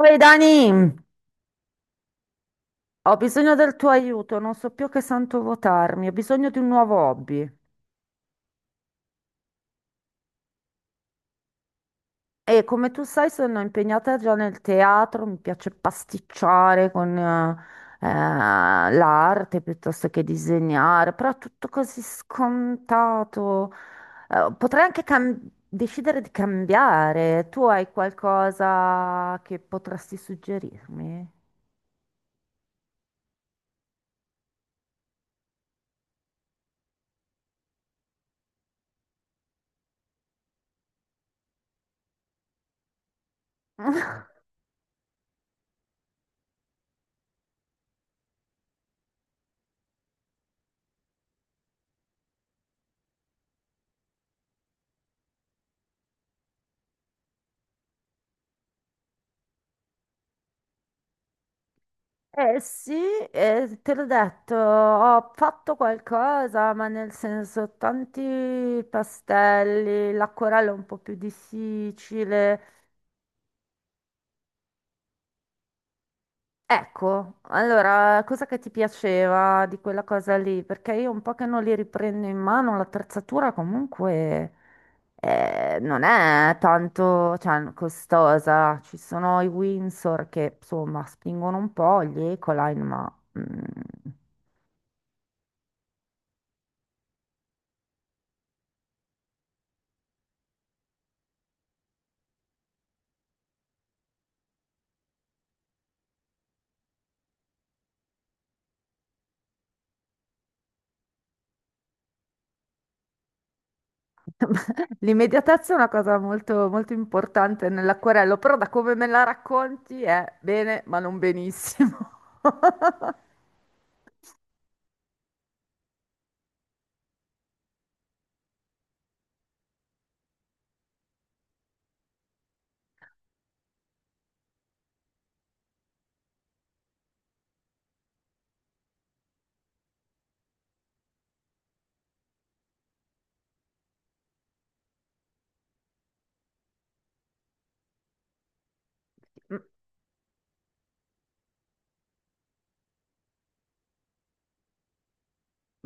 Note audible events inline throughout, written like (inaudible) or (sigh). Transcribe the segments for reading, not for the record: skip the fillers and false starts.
Oi Dani, ho bisogno del tuo aiuto, non so più che santo votarmi, ho bisogno di un nuovo hobby. E come tu sai, sono impegnata già nel teatro, mi piace pasticciare con l'arte piuttosto che disegnare, però è tutto così scontato. Eh, potrei anche cam- decidere di cambiare. Tu hai qualcosa che potresti suggerirmi? (laughs) Eh sì, te l'ho detto, ho fatto qualcosa, ma nel senso tanti pastelli, l'acquarello è un po' più difficile. Ecco, allora, cosa che ti piaceva di quella cosa lì? Perché io un po' che non li riprendo in mano, l'attrezzatura comunque non è tanto, cioè, costosa. Ci sono i Windsor che, insomma, spingono un po', gli Ecoline, (laughs) L'immediatezza è una cosa molto, molto importante nell'acquerello, però da come me la racconti è bene, ma non benissimo. (laughs) Mm,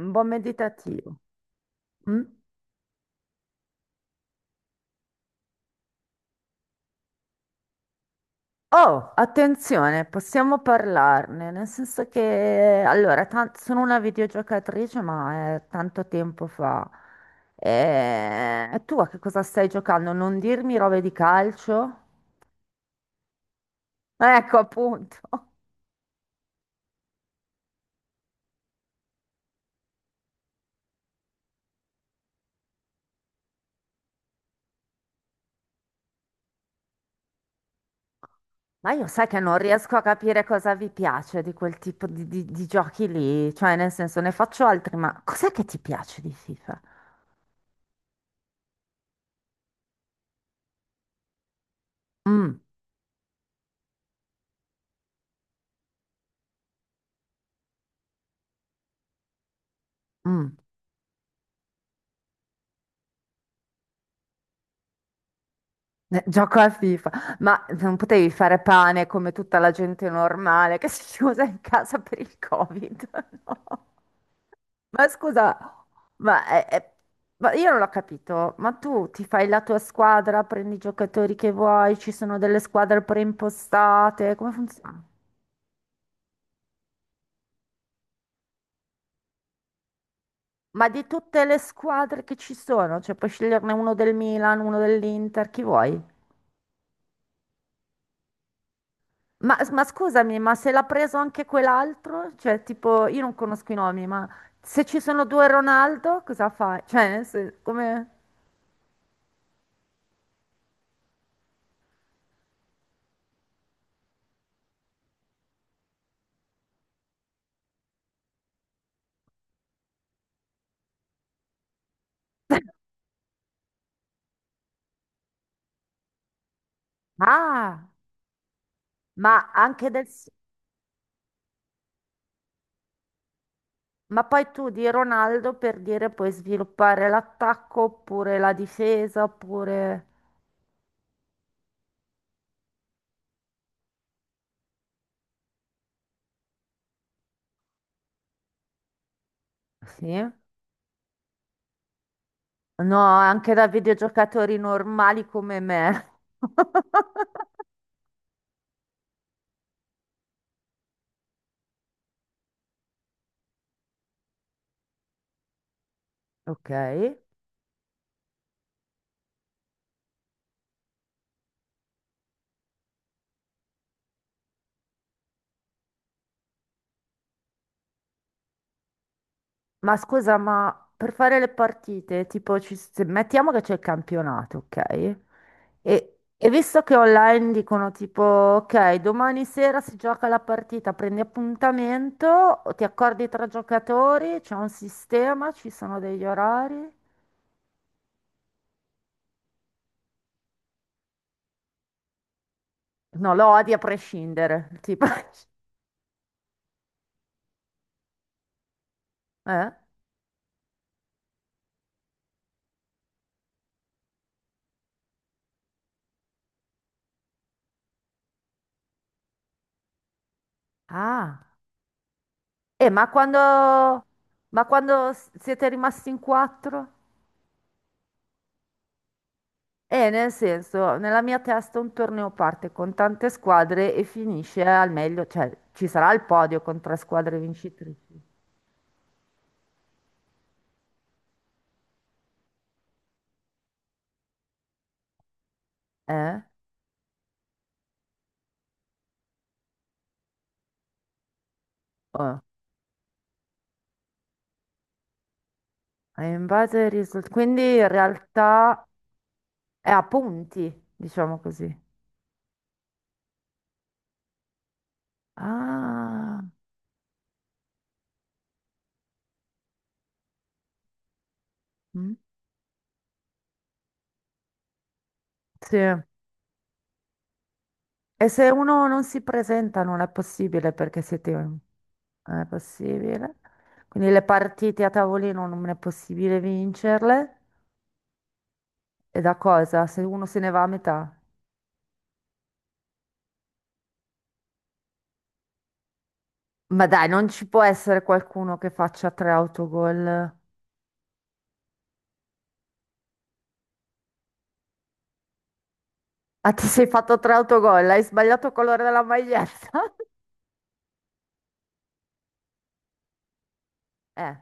un buon meditativo. Mm. Oh, attenzione, possiamo parlarne, nel senso che, allora, sono una videogiocatrice, ma è tanto tempo fa. E tu a che cosa stai giocando? Non dirmi robe di calcio? Ecco, appunto. Ma io sai che non riesco a capire cosa vi piace di quel tipo di giochi lì, cioè nel senso ne faccio altri, ma cos'è che ti piace di FIFA? Mm, mm, gioco a FIFA, ma non potevi fare pane come tutta la gente normale che (laughs) si chiusa in casa per il Covid, (laughs) no? Ma scusa, ma, ma io non l'ho capito, ma tu ti fai la tua squadra, prendi i giocatori che vuoi, ci sono delle squadre preimpostate, come funziona? Ma di tutte le squadre che ci sono, cioè puoi sceglierne uno del Milan, uno dell'Inter, chi vuoi? Ma scusami, ma se l'ha preso anche quell'altro? Cioè, tipo, io non conosco i nomi, ma se ci sono due Ronaldo, cosa fai? Cioè, come... Ah, ma anche ma poi tu di Ronaldo per dire puoi sviluppare l'attacco oppure la difesa, oppure... Sì? No, anche da videogiocatori normali come me. (laughs) Ok. Ma scusa, ma per fare le partite, tipo, mettiamo che c'è il campionato, ok? E visto che online dicono tipo, ok, domani sera si gioca la partita, prendi appuntamento, o ti accordi tra giocatori, c'è un sistema, ci sono degli orari. No, lo odi a prescindere, tipo. (laughs) Eh? Ah, eh, ma quando, ma quando siete rimasti in quattro? E nel senso, nella mia testa un torneo parte con tante squadre e finisce al meglio, cioè ci sarà il podio con tre squadre vincitrici. Eh? Oh. E in base ai risultati. Quindi in realtà è a punti, diciamo così. Ah, mm, sì. E se uno non si presenta non è possibile perché siete... Non è possibile. Quindi le partite a tavolino non è possibile vincerle. E da cosa? Se uno se ne va a metà. Ma dai, non ci può essere qualcuno che faccia tre autogol. Ah, ti sei fatto tre autogol, hai sbagliato il colore della maglietta? (laughs) Eh,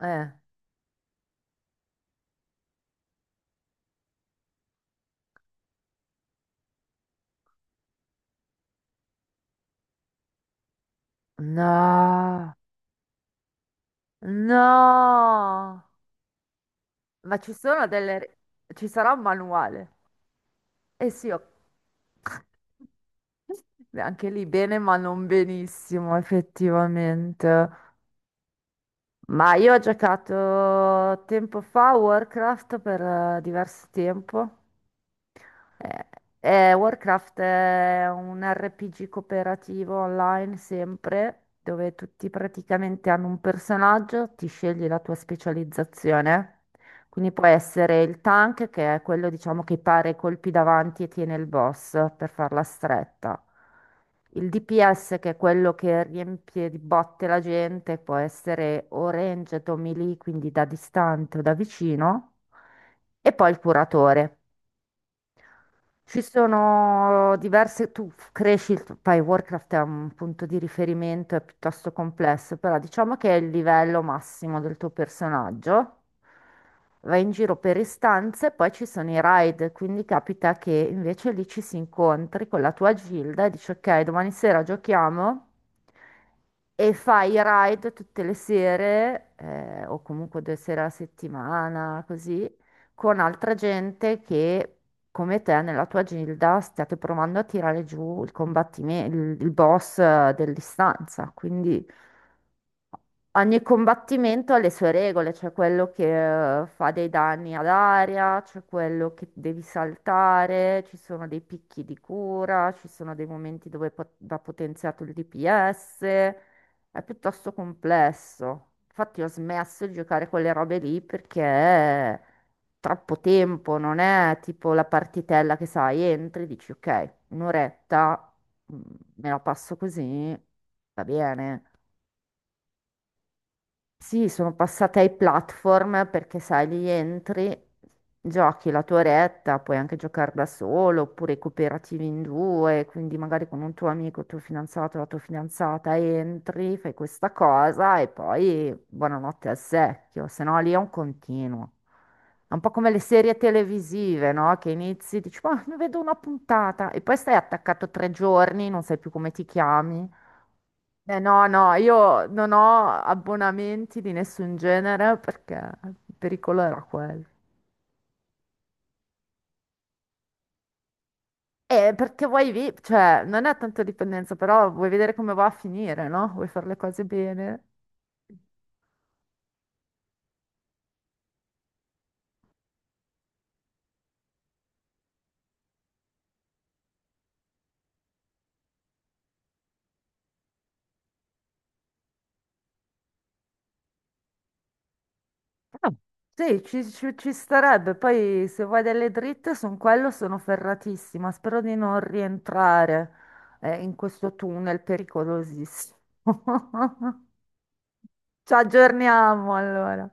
eh. No, no. Ma ci sono ci sarà un manuale. Eh sì, ho- (laughs) Beh, anche lì bene, ma non benissimo, effettivamente. Ma io ho giocato tempo fa a Warcraft per diverso tempo. Eh, Warcraft è un RPG cooperativo online sempre, dove tutti praticamente hanno un personaggio, ti scegli la tua specializzazione. Quindi può essere il tank, che è quello, diciamo, che pare i colpi davanti e tiene il boss per farla stretta. Il DPS, che è quello che riempie di botte la gente, può essere o ranged o melee, quindi da distante o da vicino. E poi il curatore. Ci sono diverse, cresci, poi Warcraft è un punto di riferimento, è piuttosto complesso, però diciamo che è il livello massimo del tuo personaggio. Vai in giro per istanze, poi ci sono i raid, quindi capita che invece lì ci si incontri con la tua gilda e dici ok, domani sera giochiamo e fai i raid tutte le sere, o comunque due sere alla settimana, così, con altra gente che, come te, nella tua gilda, stiate provando a tirare giù il combattimento, il boss dell'istanza. Quindi ogni combattimento ha le sue regole, c'è quello che fa dei danni ad aria, c'è quello che devi saltare, ci sono dei picchi di cura, ci sono dei momenti dove va potenziato il DPS, è piuttosto complesso. Infatti ho smesso di giocare quelle robe lì perché è troppo tempo, non è tipo la partitella che sai, entri, dici ok, un'oretta, mm, me la passo così, va bene. Sì, sono passata ai platform perché sai, lì entri, giochi la tua retta, puoi anche giocare da solo oppure cooperativi in due, quindi magari con un tuo amico, il tuo fidanzato, la tua fidanzata entri, fai questa cosa e poi buonanotte al secchio, se no lì è un continuo. È un po' come le serie televisive, no? Che inizi, dici, ma mi vedo una puntata e poi stai attaccato tre giorni, non sai più come ti chiami. No, no, io non ho abbonamenti di nessun genere perché il pericolo era quello. Perché vuoi vi, cioè, non è tanto dipendenza, però vuoi vedere come va a finire, no? Vuoi fare le cose bene. Ah, sì, ci starebbe. Poi se vuoi delle dritte su quello sono ferratissima. Spero di non rientrare in questo tunnel pericolosissimo. (laughs) Ci aggiorniamo allora.